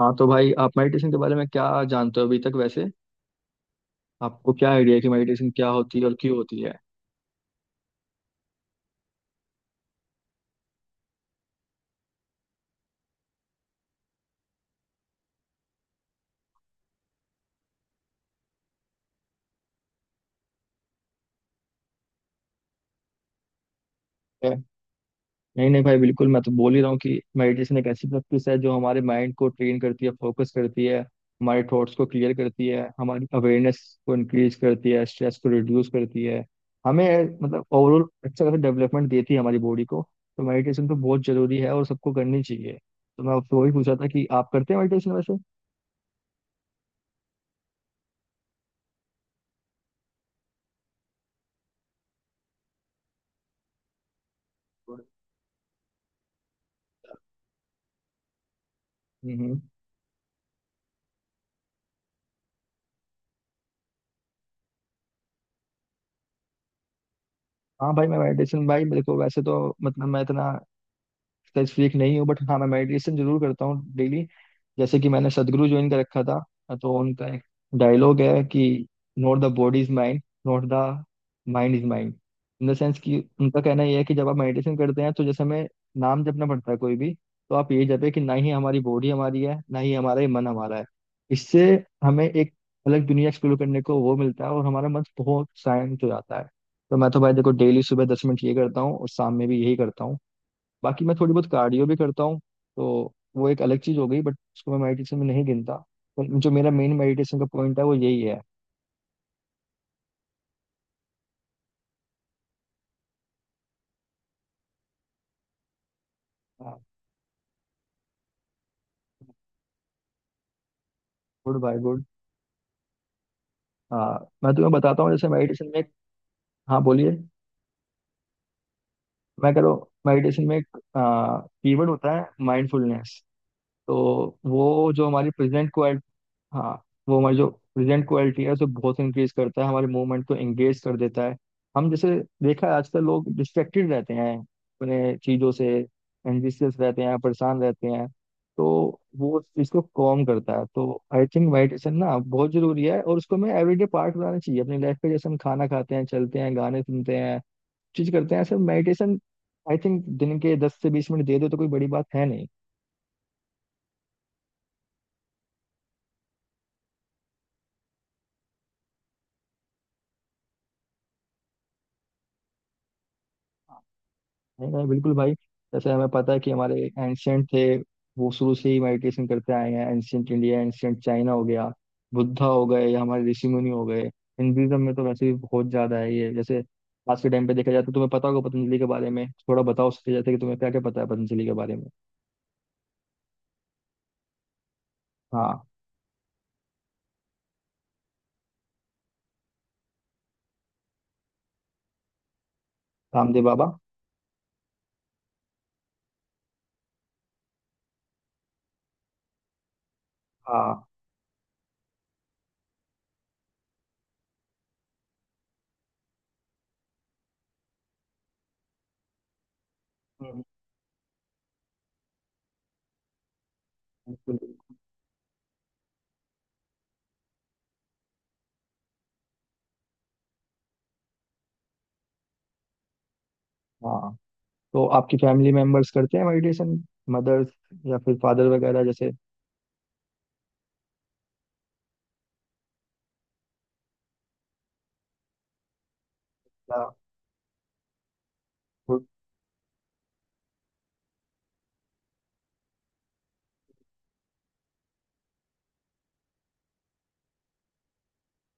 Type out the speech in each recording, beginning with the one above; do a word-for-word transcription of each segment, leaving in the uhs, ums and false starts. हाँ तो भाई, आप मेडिटेशन के बारे में क्या जानते हो अभी तक वैसे? आपको क्या आइडिया है कि मेडिटेशन क्या होती है और क्यों होती है? है? नहीं नहीं भाई, बिल्कुल। मैं तो बोल ही रहा हूँ कि मेडिटेशन एक ऐसी प्रैक्टिस है जो हमारे माइंड को ट्रेन करती है, फोकस करती है, हमारे थॉट्स को क्लियर करती है, हमारी अवेयरनेस को इंक्रीज करती है, स्ट्रेस को रिड्यूस करती है। हमें मतलब ओवरऑल अच्छा खासा डेवलपमेंट देती है हमारी बॉडी को। तो मेडिटेशन तो बहुत जरूरी है और सबको करनी चाहिए। तो मैं आपसे वही पूछा था कि आप करते हैं मेडिटेशन वैसे। हम्म हम्म। हाँ भाई, मैं मेडिटेशन भाई देखो, वैसे तो मतलब मैं इतना स्ट्रेस फ्रीक नहीं हूँ, बट हाँ मैं मेडिटेशन जरूर करता हूँ डेली। जैसे कि मैंने सदगुरु ज्वाइन कर रखा था, तो उनका एक डायलॉग है कि not the body is mind, not the mind is mind. In the sense कि उनका कहना यह है कि जब आप मेडिटेशन करते हैं तो जैसे हमें नाम जपना पड़ता है कोई भी, तो आप ये जपे कि ना ही हमारी बॉडी हमारी है, ना ही हमारा ये मन हमारा है। इससे हमें एक अलग दुनिया एक्सप्लोर करने को वो मिलता है, और हमारा मन बहुत शांत हो जाता है। तो मैं तो भाई देखो, डेली सुबह दस मिनट ये करता हूँ, और शाम में भी यही करता हूँ। बाकी मैं थोड़ी बहुत कार्डियो भी करता हूँ, तो वो एक अलग चीज़ हो गई। बट उसको मैं मेडिटेशन में नहीं गिनता। पर जो मेरा मेन मेडिटेशन का पॉइंट है वो यही है। Goodbye good. हाँ, मैं तुम्हें बताता हूँ, जैसे मेडिटेशन में एक- हाँ बोलिए। मैं कह रहा हूँ मेडिटेशन में एक कीवर्ड होता है, माइंडफुलनेस। तो वो जो हमारी प्रेजेंट, हाँ, वो हमारी जो प्रेजेंट क्वालिटी है उसे बहुत इंक्रीज करता है, हमारे मूवमेंट को एंगेज कर देता है। हम जैसे देखा है, आजकल लोग डिस्ट्रैक्टेड रहते हैं अपने चीज़ों से, एंजिशियस रहते हैं, परेशान रहते हैं। तो वो उस चीज़ को कम करता है। तो आई थिंक मेडिटेशन ना बहुत ज़रूरी है, और उसको हमें एवरीडे पार्ट बनाना चाहिए अपनी लाइफ में। जैसे हम खाना खाते हैं, चलते हैं, गाने सुनते हैं, चीज़ करते हैं, ऐसे मेडिटेशन। आई थिंक दिन के दस से बीस मिनट दे दो तो कोई बड़ी बात है नहीं। नहीं नहीं, बिल्कुल भाई। जैसे हमें पता है कि हमारे एंशियंट थे, वो शुरू से ही मेडिटेशन करते आए हैं। एंशियंट इंडिया, एंशियंट चाइना हो गया, बुद्धा हो गए, या हमारे ऋषि मुनि हो गए। हिंदुइज्म में तो वैसे भी बहुत ज्यादा है ये। जैसे आज के टाइम पे देखा जाए तो तुम्हें पता होगा, पतंजलि के बारे में थोड़ा बताओ उसके। जैसे कि तुम्हें क्या क्या पता है पतंजलि के बारे में? हाँ रामदेव बाबा, हाँ। हम्म, बिल्कुल बिल्कुल। हाँ, तो आपकी फैमिली मेंबर्स करते हैं मेडिटेशन? मदर्स या फिर फादर वगैरह जैसे? हाँ हाँ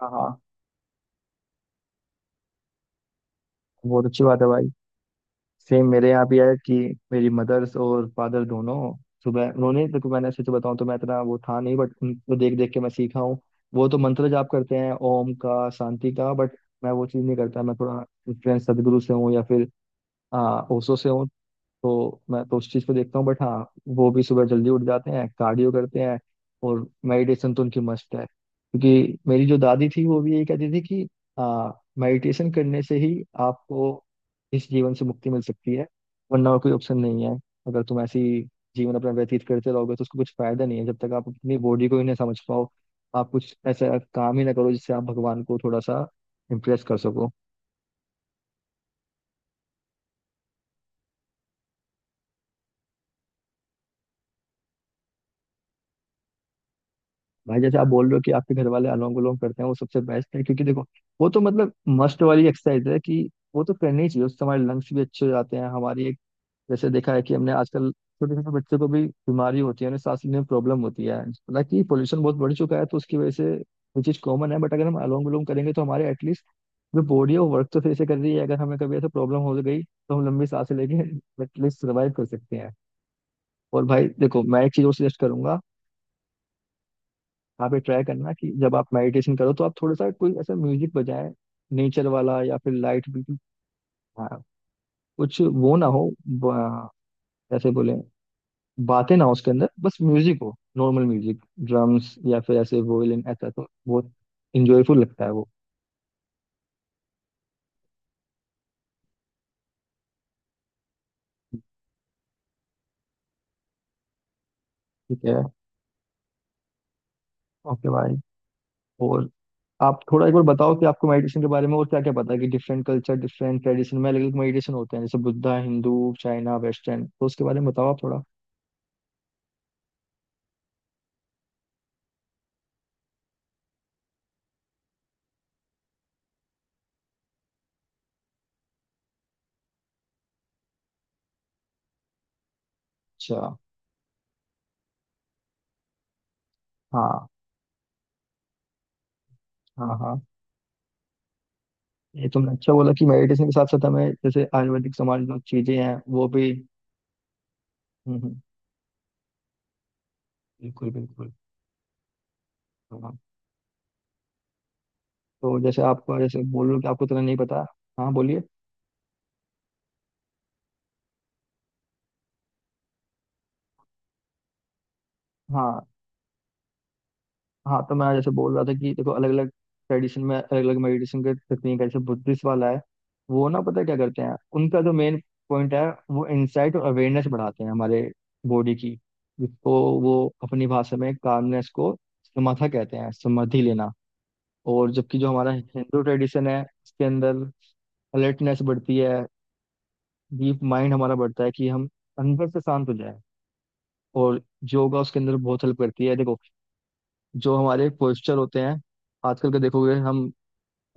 हाँ, बहुत अच्छी बात है भाई। सेम मेरे यहाँ भी है कि मेरी मदर्स और फादर दोनों सुबह, उन्होंने, देखो मैंने सच बताऊं तो मैं इतना वो था नहीं, बट उनको देख देख के मैं सीखा हूँ। वो तो मंत्र जाप करते हैं ओम का, शांति का। बट मैं वो चीज़ नहीं करता, मैं थोड़ा इन्फ्लुएंस सदगुरु से हूँ या फिर आ, ओशो से हूँ। तो मैं तो उस चीज़ को देखता हूँ। बट हाँ, वो भी सुबह जल्दी उठ जाते हैं, कार्डियो करते हैं। और मेडिटेशन तो उनकी मस्त है, क्योंकि मेरी जो दादी थी, वो भी यही कहती थी कि हाँ, मेडिटेशन करने से ही आपको इस जीवन से मुक्ति मिल सकती है, वरना और कोई ऑप्शन नहीं है। अगर तुम ऐसी जीवन अपना व्यतीत करते रहोगे तो उसका कुछ फायदा नहीं है, जब तक आप अपनी बॉडी को ही ना समझ पाओ, आप कुछ ऐसा काम ही ना करो जिससे आप भगवान को थोड़ा सा इम्प्रेस कर सको। भाई, जैसे आप बोल रहे हो कि आपके घर वाले अलोंग विलोंग करते हैं, वो सबसे बेस्ट है। क्योंकि देखो, वो तो मतलब मस्ट वाली एक्सरसाइज है कि वो तो करनी ही चाहिए। उससे हमारे लंग्स भी अच्छे हो जाते हैं, हमारी एक, जैसे देखा है कि हमने आजकल छोटे छोटे बच्चों को भी बीमारी होती है, उन्हें सांस लेने में प्रॉब्लम होती है। हालांकि पोल्यूशन बहुत बढ़ चुका है, तो उसकी वजह से ये चीज कॉमन है। बट अगर हम अलोंग विलोंग करेंगे तो हमारे एटलीस्ट जो बॉडी है वो वर्क तो फिर से कर रही है। अगर हमें कभी ऐसा प्रॉब्लम हो गई तो हम लंबी सांसें लेके एटलीस्ट सर्वाइव कर सकते हैं। और भाई देखो, मैं एक चीज और सजेस्ट करूंगा। आप ये ट्राई करना कि जब आप मेडिटेशन करो तो आप थोड़ा सा कोई ऐसा म्यूजिक बजाए, नेचर वाला, या फिर लाइट बिल्कुल, हाँ, कुछ वो ना हो, ब- कैसे बोले, बातें ना हो उसके अंदर, बस म्यूजिक हो, नॉर्मल म्यूजिक, ड्रम्स या फिर ऐसे वोयलिन, ऐसा तो बहुत इंजॉयफुल लगता है वो। ठीक है, ओके भाई। और आप थोड़ा एक बार बताओ कि आपको मेडिटेशन के बारे में और क्या क्या पता है, कि डिफरेंट कल्चर, डिफरेंट ट्रेडिशन में अलग अलग मेडिटेशन होते हैं, जैसे बुद्धा, हिंदू, चाइना, वेस्टर्न, तो उसके बारे में बताओ आप थोड़ा। अच्छा। हाँ हाँ। हाँ, ये तुमने अच्छा बोला कि मेडिटेशन के साथ साथ हमें, जैसे आयुर्वेदिक समाज में चीजें हैं, वो भी। हम्म हम्म, बिल्कुल बिल्कुल। हाँ, तो जैसे आपको, जैसे बोल रहे हो कि आपको इतना नहीं पता। हाँ बोलिए। हाँ हाँ, तो मैं जैसे बोल रहा था कि देखो, अलग अलग ट्रेडिशन में अलग अलग मेडिटेशन के तकनीक है। जैसे बुद्धिस्ट वाला है, वो ना, पता है क्या करते हैं? उनका जो मेन पॉइंट है, वो इंसाइट और अवेयरनेस बढ़ाते हैं हमारे बॉडी की, जिसको वो अपनी भाषा में कामनेस को समाधा कहते हैं, समाधि लेना। और जबकि जो हमारा हिंदू ट्रेडिशन है, इसके अंदर अलर्टनेस बढ़ती है, डीप माइंड हमारा बढ़ता है कि हम अंदर से शांत हो जाए। और योगा उसके अंदर बहुत हेल्प करती है। देखो, जो हमारे पोस्चर होते हैं आजकल के, देखोगे, हम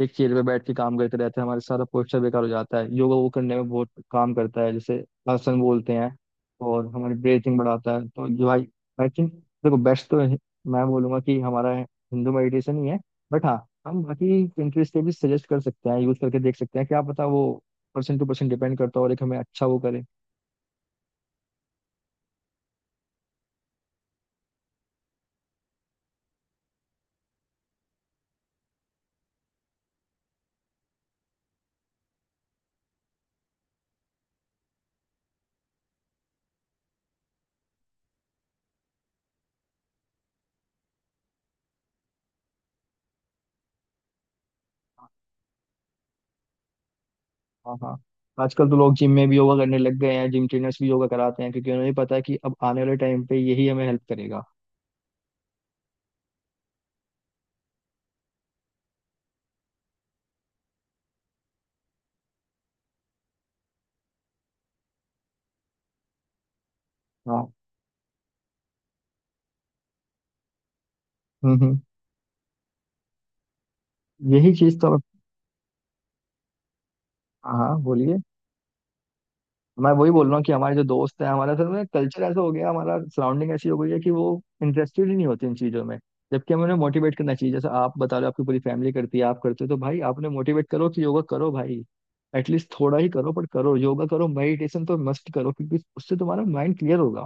एक चेयर पे बैठ के काम करते रहते हैं, हमारे सारा पोस्चर बेकार हो जाता है। योगा वो करने में बहुत काम करता है, जैसे आसन बोलते हैं, और हमारी ब्रीथिंग बढ़ाता है। तो जो आई आई थिंक, देखो, बेस्ट तो है- मैं बोलूंगा कि हमारा हिंदू मेडिटेशन ही है। बट हाँ, हम बाकी कंट्रीज के भी सजेस्ट कर सकते हैं, यूज करके देख सकते हैं, क्या पता वो पर्सन टू पर्सन डिपेंड करता है और एक हमें अच्छा वो करे। हाँ हाँ, आजकल तो लोग जिम में भी योगा करने लग गए हैं, जिम ट्रेनर्स भी योगा कराते हैं, क्योंकि उन्हें भी पता है कि अब आने वाले टाइम पे यही हमें हेल्प करेगा। हाँ, हम्म हम्म। यही चीज तो, हाँ हाँ, बोलिए। मैं वही बोल रहा हूँ कि हमारे जो दोस्त हैं, हमारा असल में कल्चर ऐसा हो गया, हमारा सराउंडिंग ऐसी हो गई है कि वो इंटरेस्टेड ही नहीं होते इन चीज़ों में। जबकि हमें उन्हें मोटिवेट करना चाहिए। जैसे आप बता रहे हो, आपकी पूरी फैमिली करती है, आप करते हो, तो भाई आपने मोटिवेट करो कि योगा करो भाई, एटलीस्ट थोड़ा ही करो पर करो, योगा करो, मेडिटेशन तो मस्ट करो, क्योंकि उससे तुम्हारा माइंड क्लियर होगा।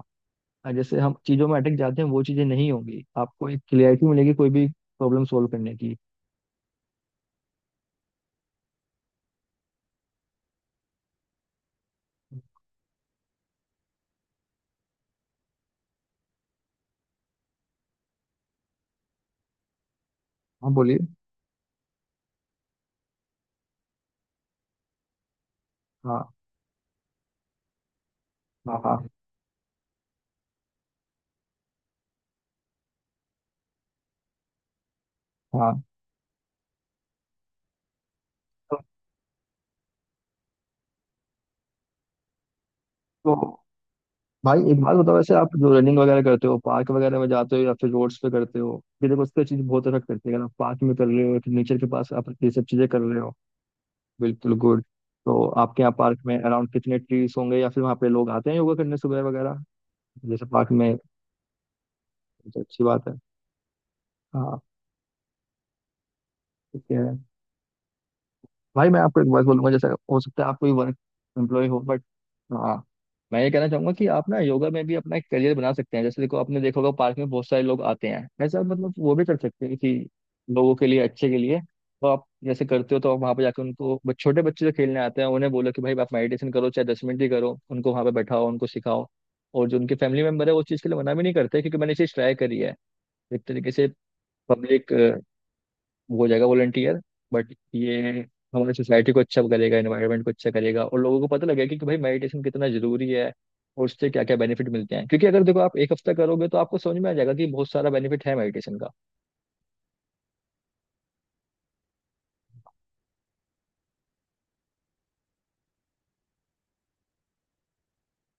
और जैसे हम चीज़ों में अटक जाते हैं, वो चीज़ें नहीं होंगी, आपको एक क्लियरिटी मिलेगी कोई भी प्रॉब्लम सोल्व करने की। हाँ बोलिए। हाँ हाँ हाँ हाँ। तो भाई एक बात बताओ, वैसे आप जो रनिंग वगैरह करते हो, पार्क वगैरह में जाते हो या फिर रोड्स पे करते हो? ये देखो, उसका चीज बहुत इफेक्ट करती है। अगर आप पार्क में कर रहे हो, फिर नेचर के पास आप ये सब चीजें कर रहे हो। बिल्कुल, गुड। तो आपके यहाँ पार्क में अराउंड कितने ट्रीज होंगे, या फिर वहाँ पे लोग आते हैं योगा करने सुबह वगैरह, जैसे पार्क में? तो अच्छी बात है। हाँ, ठीक है। भाई मैं आपको एक बात बोलूंगा, जैसे हो सकता है आप कोई वर्क एम्प्लॉय हो, बट हाँ, मैं ये कहना चाहूंगा कि आप ना योगा में भी अपना एक करियर बना सकते हैं। जैसे देखो, आपने देखा होगा पार्क में बहुत सारे लोग आते हैं, ऐसा मतलब वो भी कर सकते हैं कि लोगों के लिए, अच्छे के लिए। तो आप जैसे करते हो, तो आप वहाँ पे जाकर उनको, ब- छोटे बच्चे जो खेलने आते हैं, उन्हें बोलो कि भाई आप मेडिटेशन करो, चाहे दस मिनट ही करो, उनको वहाँ पे बैठाओ, उनको सिखाओ। और जो उनके फैमिली मेम्बर है, वो उस चीज़ के लिए मना भी नहीं करते, क्योंकि मैंने ये चीज़ ट्राई करी है। एक तरीके से पब्लिक, वो हो जाएगा वॉलंटियर। बट ये हमारी सोसाइटी को अच्छा करेगा, एनवायरनमेंट को अच्छा करेगा, और लोगों को पता लगेगा कि, कि भाई मेडिटेशन कितना जरूरी है और उससे क्या क्या बेनिफिट मिलते हैं। क्योंकि अगर देखो, आप एक हफ्ता करोगे तो आपको समझ में आ जाएगा कि बहुत सारा बेनिफिट है मेडिटेशन का।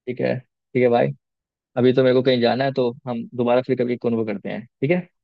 ठीक है ठीक है भाई, अभी तो मेरे को कहीं जाना है, तो हम दोबारा फिर कभी कॉन्वर्ट करते हैं, ठीक है।